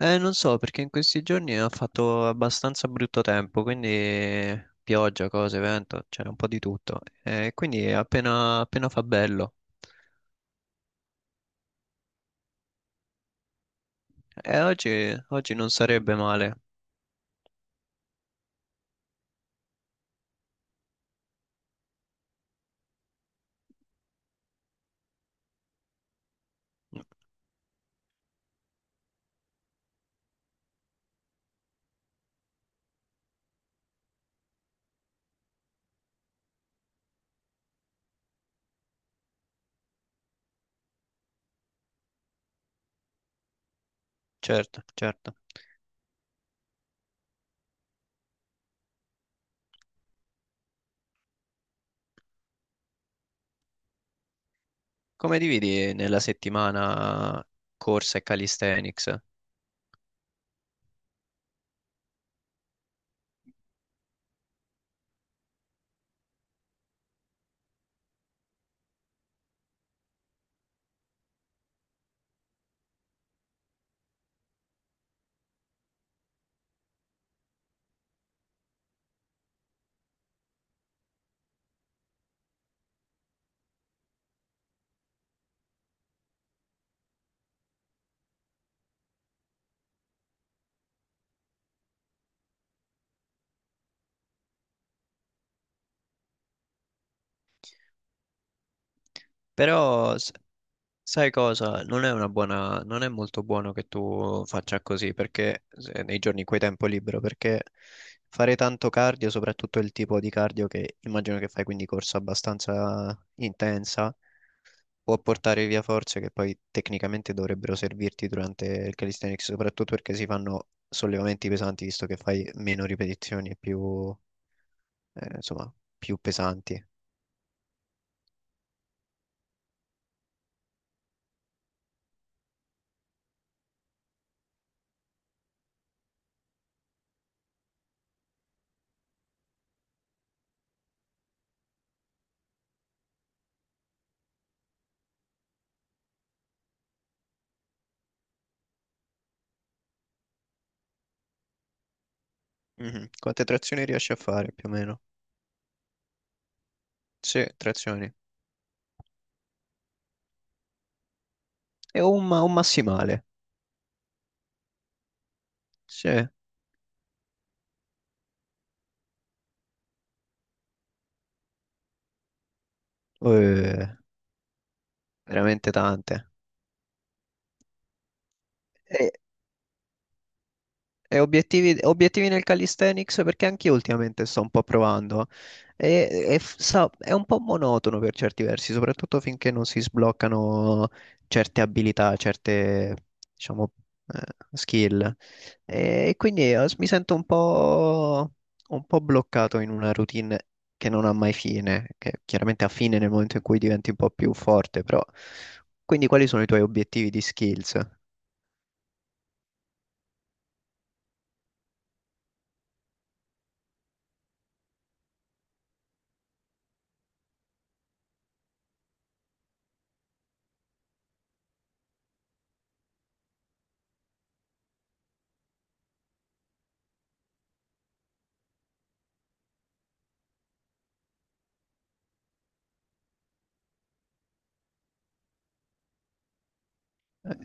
Non so, perché in questi giorni ha fatto abbastanza brutto tempo, quindi pioggia, cose, vento, c'era un po' di tutto. Quindi appena fa bello. E oggi non sarebbe male. Certo, certo. Come dividi nella settimana corsa e calisthenics? Però s- Sai cosa? Non è molto buono che tu faccia così perché nei giorni in cui hai tempo libero, perché fare tanto cardio, soprattutto il tipo di cardio che immagino che fai, quindi corsa abbastanza intensa, può portare via forze che poi tecnicamente dovrebbero servirti durante il calisthenics, soprattutto perché si fanno sollevamenti pesanti, visto che fai meno ripetizioni e più, insomma, più pesanti. Mhm. Quante trazioni riesci a fare più o meno? Sì, trazioni. Un massimale. Sì. Eh, Veramente tante. E, E obiettivi, obiettivi nel calisthenics, perché anche io ultimamente sto un po' provando è un po' monotono per certi versi, soprattutto finché non si sbloccano certe abilità, certe, diciamo, eh, skill. E quindi mi sento un po' bloccato in una routine che non ha mai fine, che chiaramente ha fine nel momento in cui diventi un po' più forte, però... Quindi quali sono i tuoi obiettivi di skills?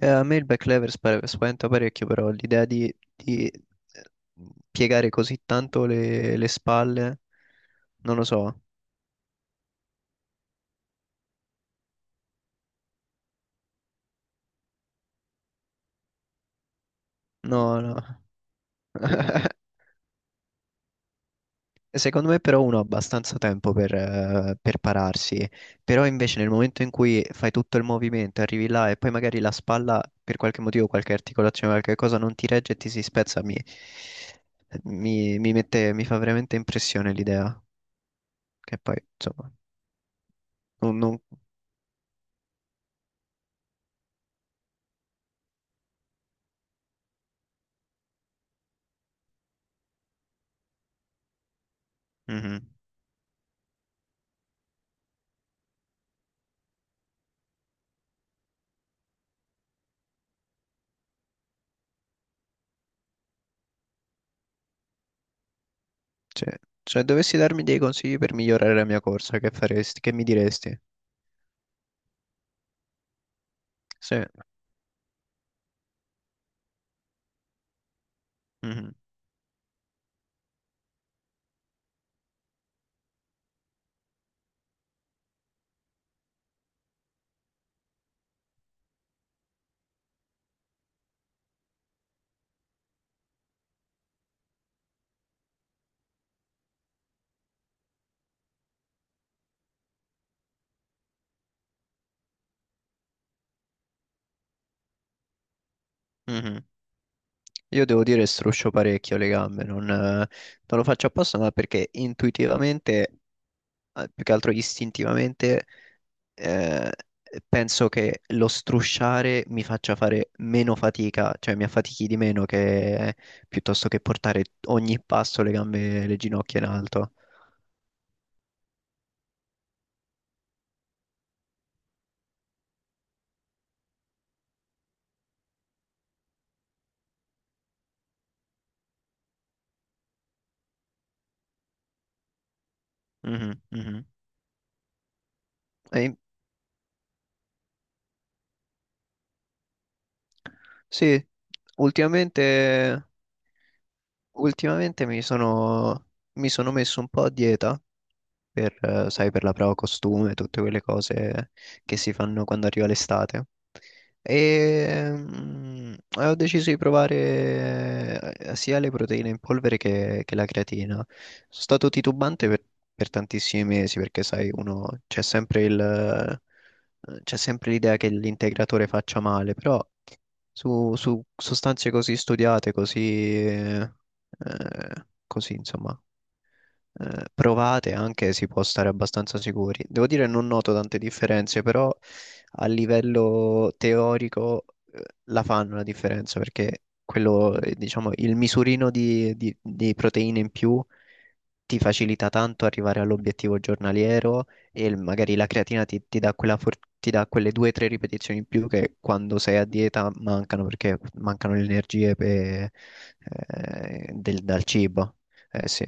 A me il backlevers spaventa parecchio, però l'idea di, piegare così tanto le spalle, non lo so. No, no. Secondo me però uno ha abbastanza tempo per pararsi, però invece nel momento in cui fai tutto il movimento, arrivi là e poi magari la spalla per qualche motivo, qualche articolazione, qualche cosa non ti regge e ti si spezza, mi fa veramente impressione l'idea, che poi insomma non, non- Mhm. Sì. Cioè, dovessi darmi dei consigli per migliorare la mia corsa, che faresti? Che mi diresti? Sì. Mhm, mhm. Io devo dire struscio parecchio le gambe, non lo faccio apposta, ma perché intuitivamente, più che altro istintivamente, eh, penso che lo strusciare mi faccia fare meno fatica, cioè mi affatichi di meno, che piuttosto che portare ogni passo le gambe, le ginocchia in alto. Mhm, mhm. E- in- Sì, ultimamente. Ultimamente mi sono messo un po' a dieta per, sai, per la prova costume, tutte quelle cose che si fanno quando arriva l'estate. E ho deciso di provare sia le proteine in polvere che la creatina. Sono stato titubante per tantissimi mesi perché, sai, uno c'è sempre il, c'è sempre l'idea che l'integratore faccia male, però su sostanze così studiate, così, eh, così, insomma, provate, anche si può stare abbastanza sicuri. Devo dire, non noto tante differenze, però a livello teorico la fanno la differenza, perché quello, diciamo, il misurino di, di proteine in più ti facilita tanto arrivare all'obiettivo giornaliero e magari la creatina ti dà ti dà quelle due o tre ripetizioni in più, che quando sei a dieta mancano perché mancano le energie dal cibo. Eh sì.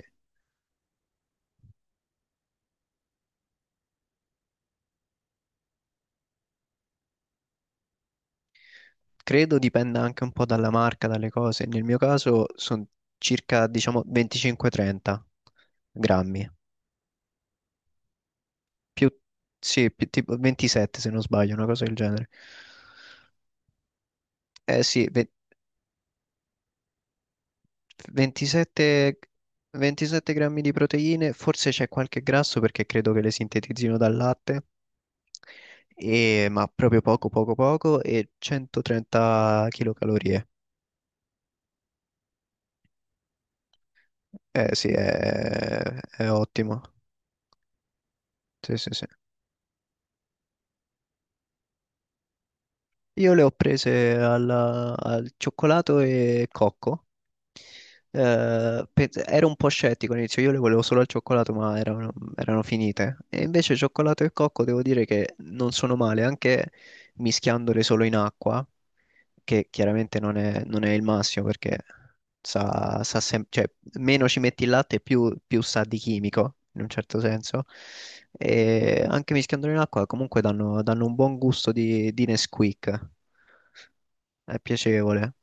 Credo dipenda anche un po' dalla marca, dalle cose. Nel mio caso sono circa, diciamo, 25-30 grammi. Più, sì, più tipo 27 se non sbaglio, una cosa del genere. Eh sì, ve- 27, 27 grammi di proteine, forse c'è qualche grasso perché credo che le sintetizzino dal latte, ma proprio poco, poco, poco, e 130 kcal. Eh sì, è ottimo. Sì, sì, sì. Io le ho prese al cioccolato e cocco. Ero un po' scettico all'inizio, io le volevo solo al cioccolato, ma erano finite. E invece cioccolato e cocco devo dire che non sono male, anche mischiandole solo in acqua, che chiaramente non è il massimo, perché cioè, meno ci metti il latte più sa di chimico, in un certo senso. E anche mischiandolo in acqua comunque danno un buon gusto di Nesquik. È piacevole.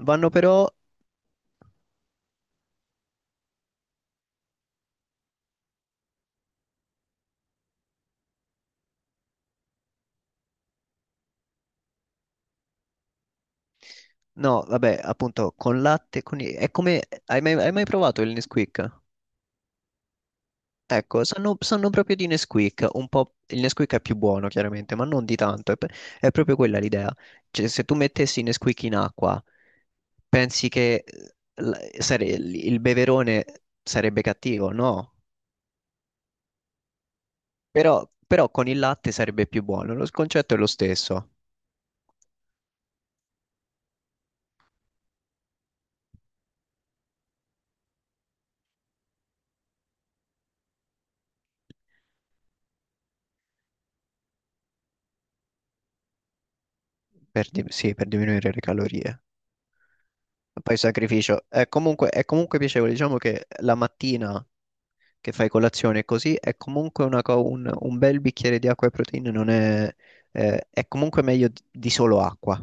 Vanno però... No, vabbè, appunto, con latte, con... è come... hai mai provato il Nesquik? Ecco, sanno proprio di Nesquik, un po', il Nesquik è più buono chiaramente, ma non di tanto, è proprio quella l'idea. Cioè, se tu mettessi Nesquik in acqua, pensi che l- il beverone sarebbe cattivo? No, però con il latte sarebbe più buono, concetto è lo stesso, sì, per diminuire le calorie. Poi il sacrificio è comunque piacevole, diciamo che la mattina che fai colazione e così, è comunque un bel bicchiere di acqua e proteine non è, è comunque meglio di solo acqua.